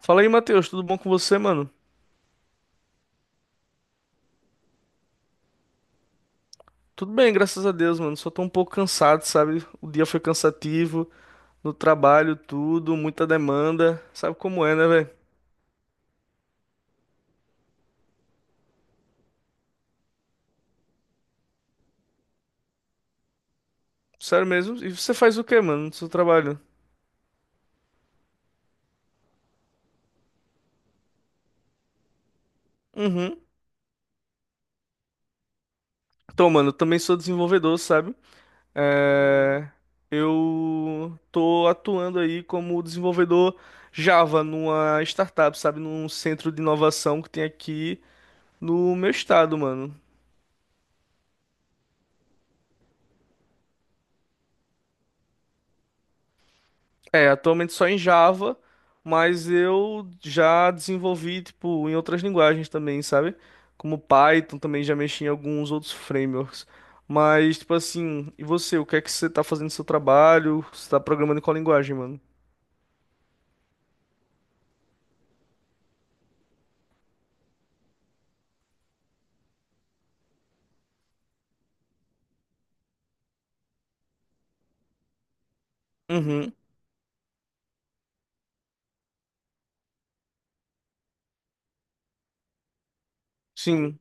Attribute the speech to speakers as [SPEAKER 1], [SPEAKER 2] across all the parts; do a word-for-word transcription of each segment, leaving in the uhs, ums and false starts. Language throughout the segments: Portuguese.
[SPEAKER 1] Fala aí, Matheus, tudo bom com você, mano? Tudo bem, graças a Deus, mano. Só tô um pouco cansado, sabe? O dia foi cansativo, no trabalho, tudo, muita demanda. Sabe como é, né, velho? Sério mesmo? E você faz o quê, mano, no seu trabalho? Uhum. Então, mano, eu também sou desenvolvedor, sabe? É... Eu tô atuando aí como desenvolvedor Java numa startup, sabe? Num centro de inovação que tem aqui no meu estado, mano. É, atualmente só em Java, mas eu já desenvolvi, tipo, em outras linguagens também, sabe? Como Python, também já mexi em alguns outros frameworks. Mas, tipo assim, e você? O que é que você tá fazendo no seu trabalho? Você tá programando em qual linguagem, mano? Uhum, sim.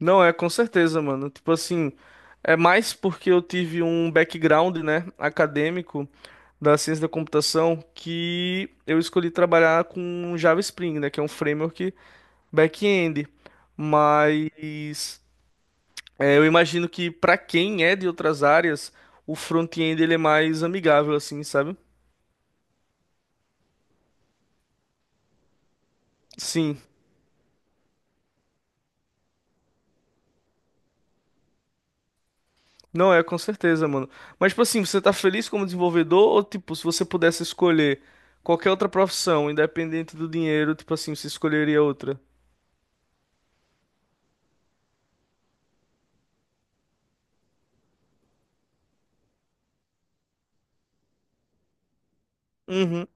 [SPEAKER 1] Não é, com certeza, mano. Tipo assim, é mais porque eu tive um background, né, acadêmico da ciência da computação que eu escolhi trabalhar com Java Spring, né, que é um framework back-end, mas é, eu imagino que para quem é de outras áreas, o front-end ele é mais amigável assim, sabe? Sim, não é, com certeza, mano. Mas tipo assim, você tá feliz como desenvolvedor ou tipo, se você pudesse escolher qualquer outra profissão, independente do dinheiro, tipo assim, você escolheria outra? Uhum.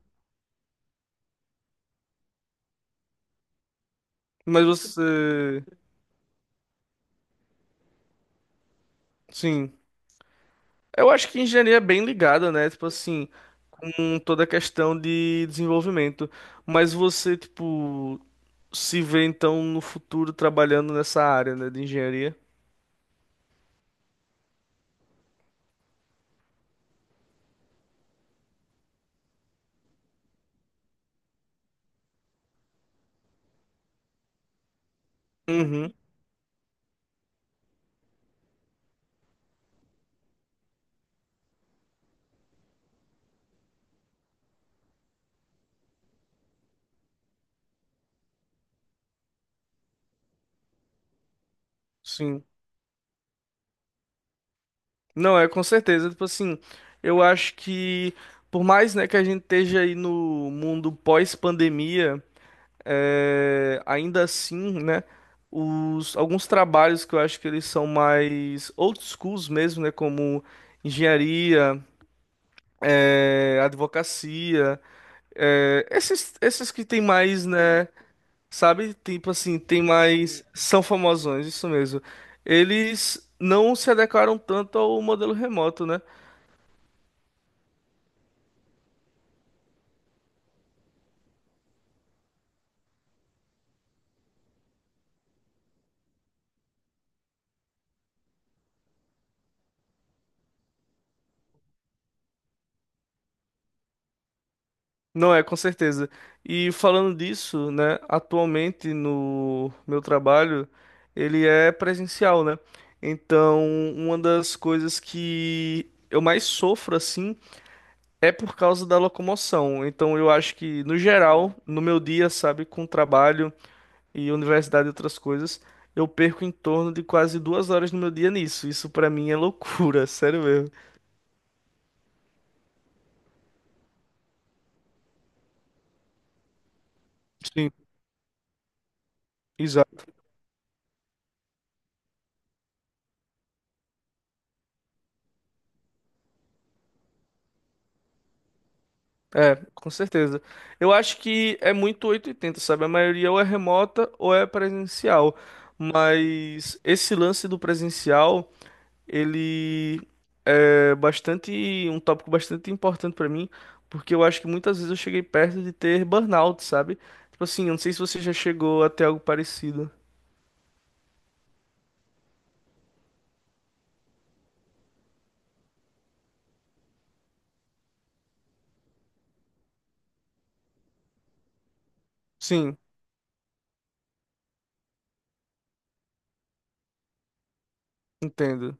[SPEAKER 1] Mas você, sim. Eu acho que engenharia é bem ligada, né? Tipo assim, com toda a questão de desenvolvimento. Mas você, tipo, se vê então no futuro trabalhando nessa área, né, de engenharia. Uhum, sim. Não, é com certeza, tipo assim, eu acho que por mais, né, que a gente esteja aí no mundo pós-pandemia, é, ainda assim, né, os alguns trabalhos que eu acho que eles são mais old schools mesmo, né, como engenharia, é, advocacia, é, esses esses que tem mais, né, sabe? Tipo assim, tem mais. São famosões, isso mesmo. Eles não se adequaram tanto ao modelo remoto, né? Não é, com certeza. E falando disso, né? Atualmente no meu trabalho, ele é presencial, né? Então, uma das coisas que eu mais sofro, assim, é por causa da locomoção. Então, eu acho que, no geral, no meu dia, sabe, com trabalho, e universidade e outras coisas, eu perco em torno de quase duas horas no meu dia nisso. Isso pra mim é loucura, sério mesmo. Sim, exato. É, com certeza. Eu acho que é muito oitocentos e oitenta, sabe? A maioria ou é remota ou é presencial. Mas esse lance do presencial, ele é bastante, um tópico bastante importante pra mim, porque eu acho que muitas vezes eu cheguei perto de ter burnout, sabe? Tipo assim, eu não sei se você já chegou a ter algo parecido. Sim, entendo.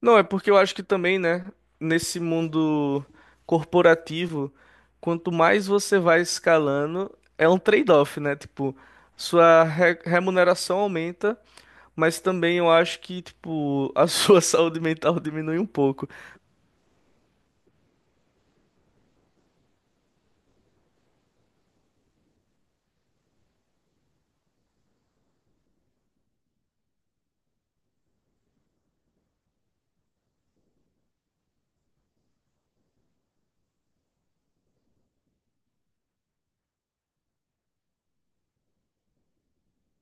[SPEAKER 1] Não, é porque eu acho que também, né, nesse mundo corporativo, quanto mais você vai escalando, é um trade-off, né? Tipo, sua re- remuneração aumenta, mas também eu acho que, tipo, a sua saúde mental diminui um pouco.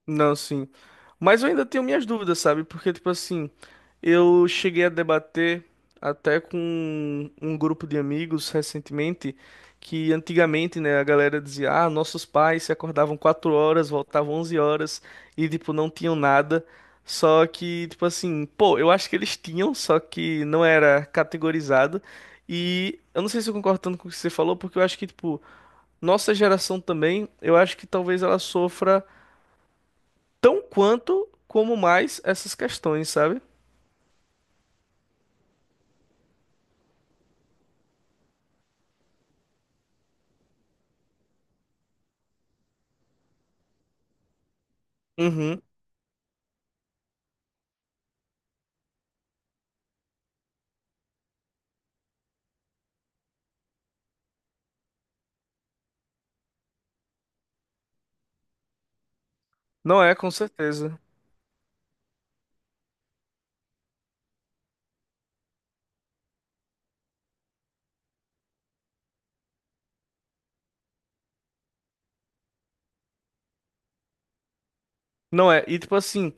[SPEAKER 1] Não, sim. Mas eu ainda tenho minhas dúvidas, sabe? Porque, tipo assim, eu cheguei a debater até com um grupo de amigos recentemente que antigamente, né, a galera dizia: ah, nossos pais se acordavam quatro horas, voltavam onze horas e, tipo, não tinham nada. Só que, tipo assim, pô, eu acho que eles tinham, só que não era categorizado. E eu não sei se eu concordo tanto com o que você falou, porque eu acho que, tipo, nossa geração também, eu acho que talvez ela sofra tão quanto como mais essas questões, sabe? Uhum. Não é, com certeza. Não é. E tipo assim,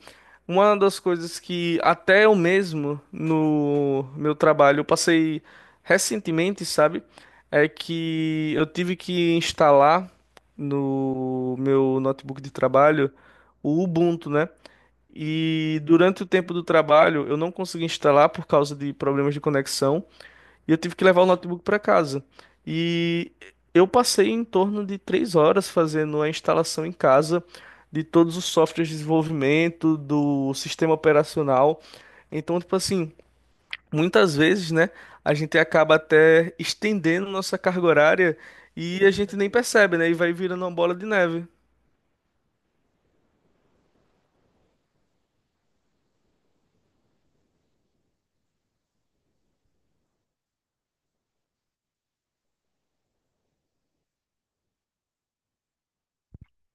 [SPEAKER 1] uma das coisas que até eu mesmo no meu trabalho eu passei recentemente, sabe? É que eu tive que instalar no meu notebook de trabalho o Ubuntu, né? E durante o tempo do trabalho eu não consegui instalar por causa de problemas de conexão. E eu tive que levar o notebook para casa. E eu passei em torno de três horas fazendo a instalação em casa de todos os softwares de desenvolvimento, do sistema operacional. Então, tipo assim, muitas vezes, né, a gente acaba até estendendo nossa carga horária e a gente nem percebe, né? E vai virando uma bola de neve.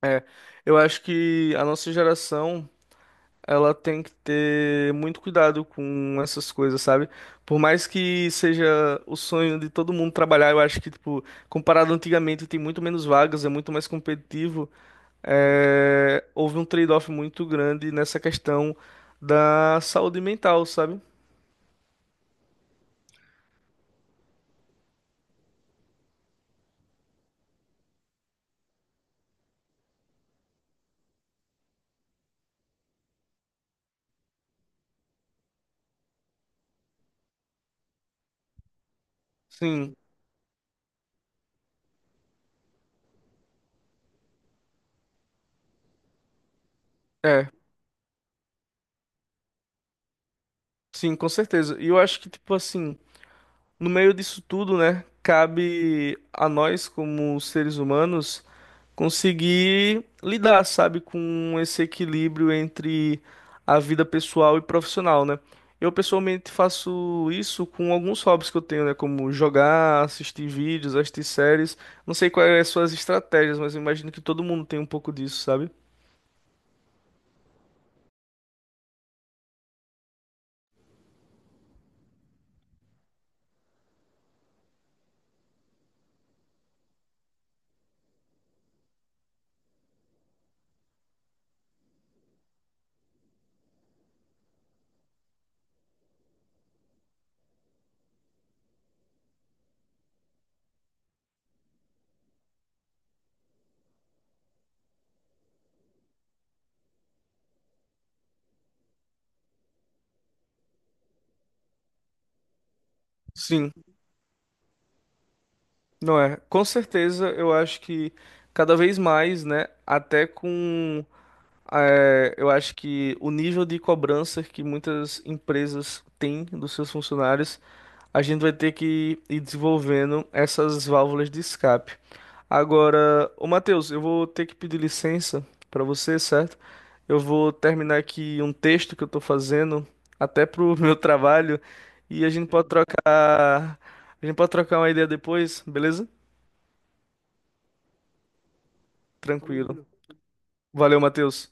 [SPEAKER 1] É, eu acho que a nossa geração, ela tem que ter muito cuidado com essas coisas, sabe? Por mais que seja o sonho de todo mundo trabalhar, eu acho que, tipo, comparado antigamente, tem muito menos vagas, é muito mais competitivo. É, houve um trade-off muito grande nessa questão da saúde mental, sabe? Sim, é, sim, com certeza. E eu acho que, tipo, assim, no meio disso tudo, né, cabe a nós, como seres humanos, conseguir lidar, sabe, com esse equilíbrio entre a vida pessoal e profissional, né? Eu pessoalmente faço isso com alguns hobbies que eu tenho, né, como jogar, assistir vídeos, assistir séries. Não sei quais são as suas estratégias, mas eu imagino que todo mundo tem um pouco disso, sabe? Sim, não é. Com certeza, eu acho que cada vez mais, né, até com É, eu acho que o nível de cobrança que muitas empresas têm dos seus funcionários, a gente vai ter que ir desenvolvendo essas válvulas de escape. Agora, ô Matheus, eu vou ter que pedir licença para você, certo? Eu vou terminar aqui um texto que eu estou fazendo, até pro meu trabalho, e a gente pode trocar, a gente pode trocar uma ideia depois, beleza? Tranquilo. Valeu, Matheus.